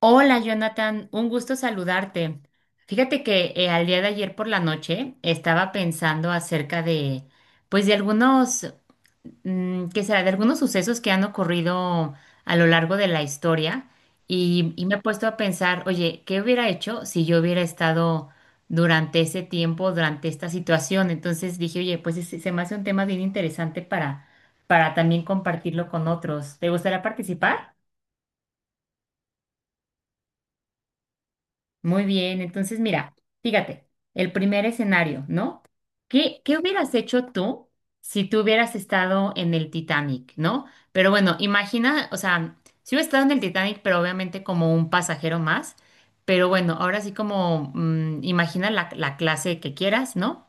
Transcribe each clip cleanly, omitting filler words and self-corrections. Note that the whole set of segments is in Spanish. Hola, Jonathan, un gusto saludarte. Fíjate que al día de ayer por la noche estaba pensando acerca de, pues de algunos, mm, ¿qué será? De algunos sucesos que han ocurrido a lo largo de la historia y me he puesto a pensar, oye, ¿qué hubiera hecho si yo hubiera estado durante ese tiempo, durante esta situación? Entonces dije, oye, pues se me hace un tema bien interesante para también compartirlo con otros. ¿Te gustaría participar? Muy bien, entonces mira, fíjate, el primer escenario, ¿no? ¿Qué hubieras hecho tú si tú hubieras estado en el Titanic, ¿no? Pero bueno, imagina, o sea, si hubiera estado en el Titanic, pero obviamente como un pasajero más, pero bueno, ahora sí como imagina la clase que quieras, ¿no?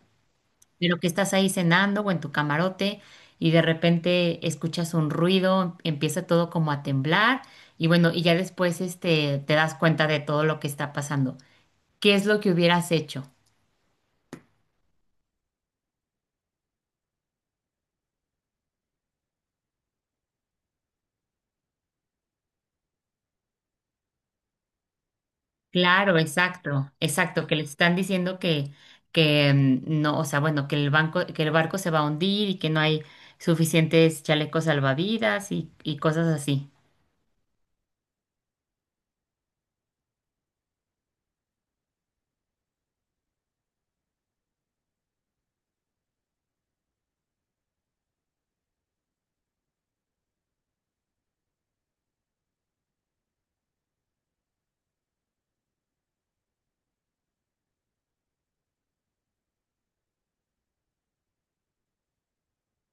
Pero que estás ahí cenando o en tu camarote y de repente escuchas un ruido, empieza todo como a temblar y bueno, y ya después te das cuenta de todo lo que está pasando. ¿Qué es lo que hubieras hecho? Claro, exacto, exacto, que les están diciendo que no, o sea, bueno, que el barco se va a hundir y que no hay suficientes chalecos salvavidas y cosas así.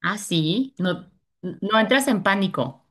Ah, sí, no, no entras en pánico.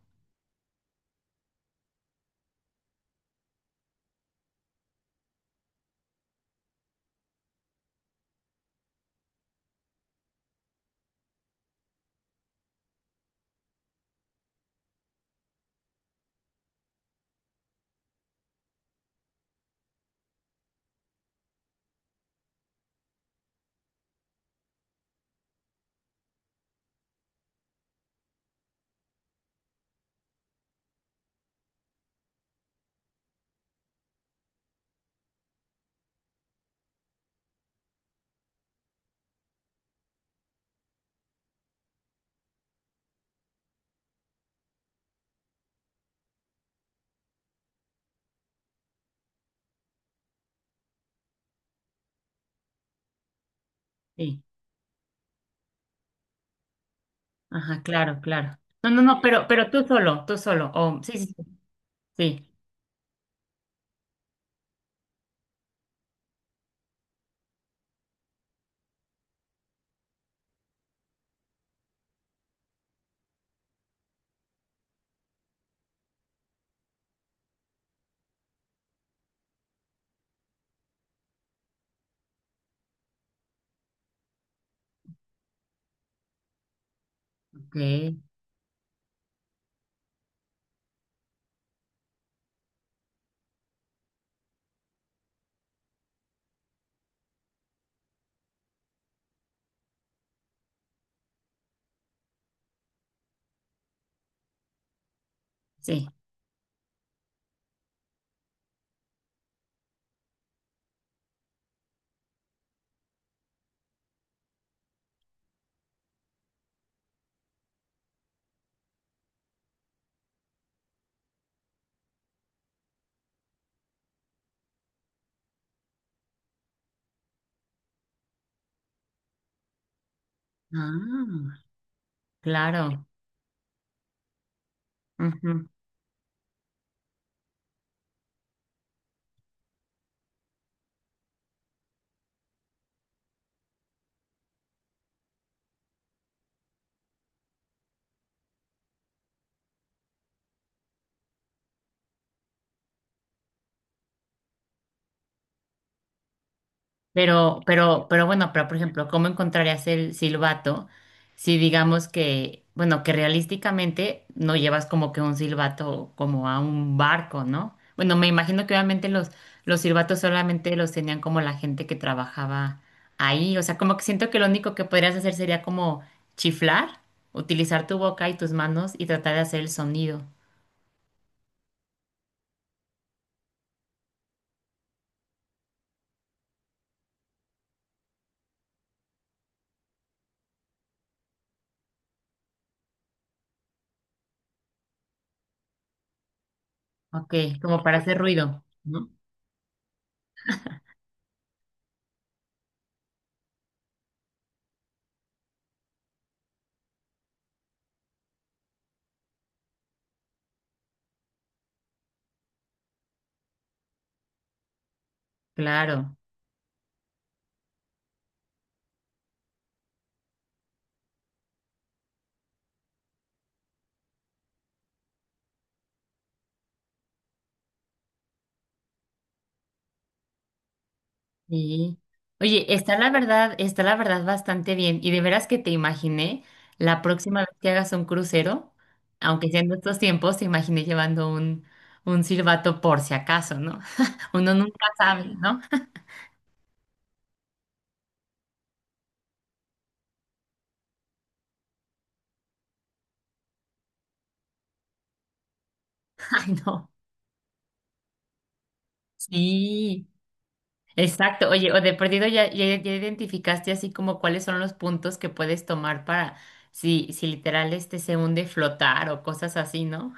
Sí, ajá, claro, claro. No, no, no, pero tú solo, tú solo. Oh, sí, sí, sí. Sí, ok, sí. Ah, claro. Pero bueno, pero por ejemplo, ¿cómo encontrarías el silbato si digamos que, bueno, que realísticamente no llevas como que un silbato como a un barco, ¿no? Bueno, me imagino que obviamente los silbatos solamente los tenían como la gente que trabajaba ahí. O sea, como que siento que lo único que podrías hacer sería como chiflar, utilizar tu boca y tus manos y tratar de hacer el sonido. Ok, como para hacer ruido, ¿no? Claro. Sí. Oye, está la verdad bastante bien. Y de veras que te imaginé la próxima vez que hagas un crucero, aunque sea en estos tiempos, te imaginé llevando un silbato por si acaso, ¿no? Uno nunca sabe, ¿no? Ay, no. Sí, exacto. Oye, o de perdido ya identificaste así como cuáles son los puntos que puedes tomar para si literal se hunde flotar o cosas así, ¿no?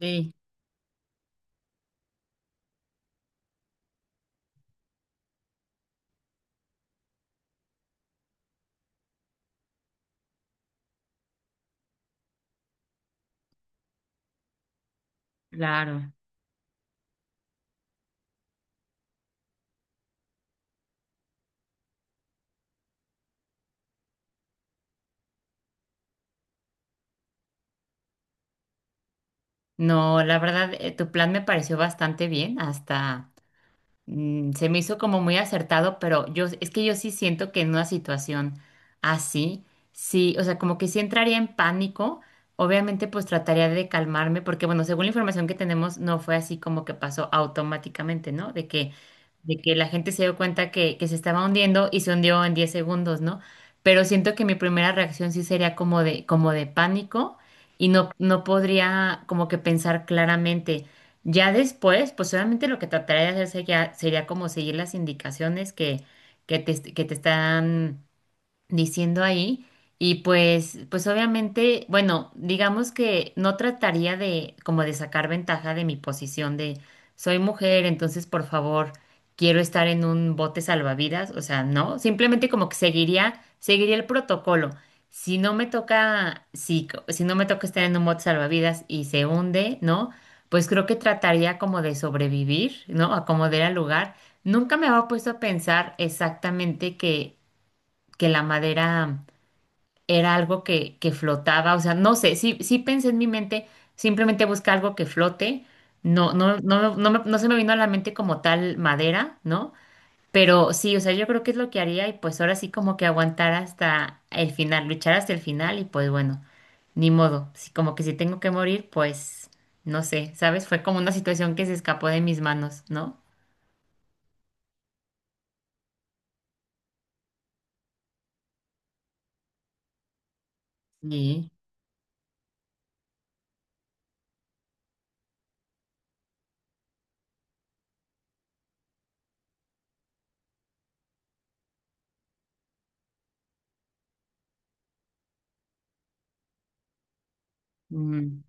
Sí, claro. No, la verdad, tu plan me pareció bastante bien, hasta, mm, se me hizo como muy acertado, pero yo es que yo sí siento que en una situación así, sí, o sea, como que sí entraría en pánico. Obviamente, pues trataría de calmarme, porque bueno, según la información que tenemos, no fue así como que pasó automáticamente, ¿no? De que la gente se dio cuenta que se estaba hundiendo y se hundió en 10 segundos, ¿no? Pero siento que mi primera reacción sí sería como de pánico y no, no podría como que pensar claramente. Ya después, pues obviamente lo que trataría de hacer sería como seguir las indicaciones que, que te están diciendo ahí. Y pues, pues obviamente, bueno, digamos que no trataría de como de sacar ventaja de mi posición de soy mujer, entonces por favor, quiero estar en un bote salvavidas, o sea, no, simplemente como que seguiría el protocolo. Si no me toca, si no me toca estar en un bote salvavidas y se hunde, ¿no? Pues creo que trataría como de sobrevivir, ¿no? Acomodar al lugar. Nunca me había puesto a pensar exactamente que la madera era algo que flotaba, o sea, no sé, sí pensé en mi mente, simplemente busca algo que flote, no se me vino a la mente como tal madera, ¿no? Pero sí, o sea, yo creo que es lo que haría y pues ahora sí como que aguantar hasta el final, luchar hasta el final y pues bueno, ni modo, sí, como que si tengo que morir, pues no sé, ¿sabes? Fue como una situación que se escapó de mis manos, ¿no? Sí, mm,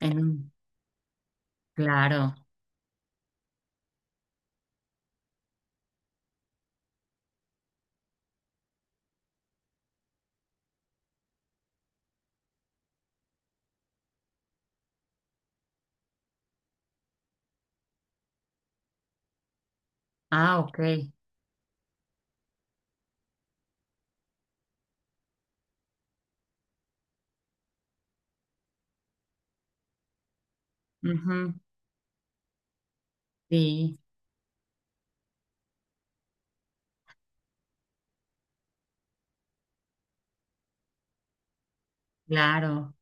en un- claro, ah, ok. Ujú. Sí, claro.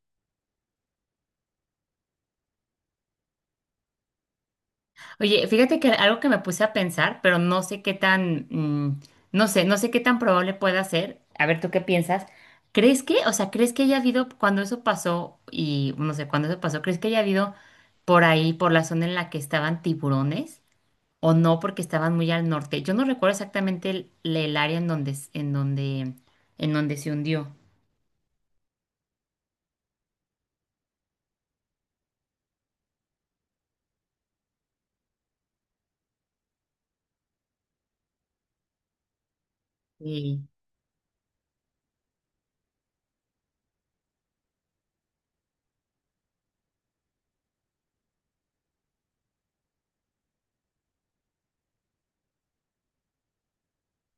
Oye, fíjate que algo que me puse a pensar, pero no sé qué tan, mm, no sé, no sé qué tan probable pueda ser. A ver, ¿tú qué piensas? ¿Crees que, o sea, crees que haya habido, cuando eso pasó, y no sé, cuando eso pasó, ¿crees que haya habido por ahí, por la zona en la que estaban tiburones? ¿O no, porque estaban muy al norte? Yo no recuerdo exactamente el área en en donde se hundió. Sí,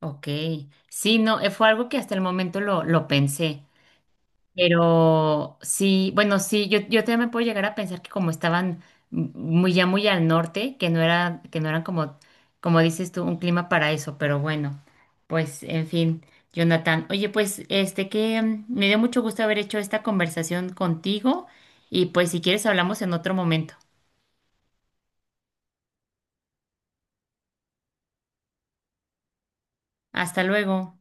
ok. Sí, no, fue algo que hasta el momento lo pensé. Pero sí, bueno, sí, yo también me puedo llegar a pensar que como estaban muy ya muy al norte, que no era, que no eran como, como dices tú, un clima para eso, pero bueno, pues en fin, Jonathan. Oye, pues este que mm, me dio mucho gusto haber hecho esta conversación contigo y pues si quieres hablamos en otro momento. Hasta luego.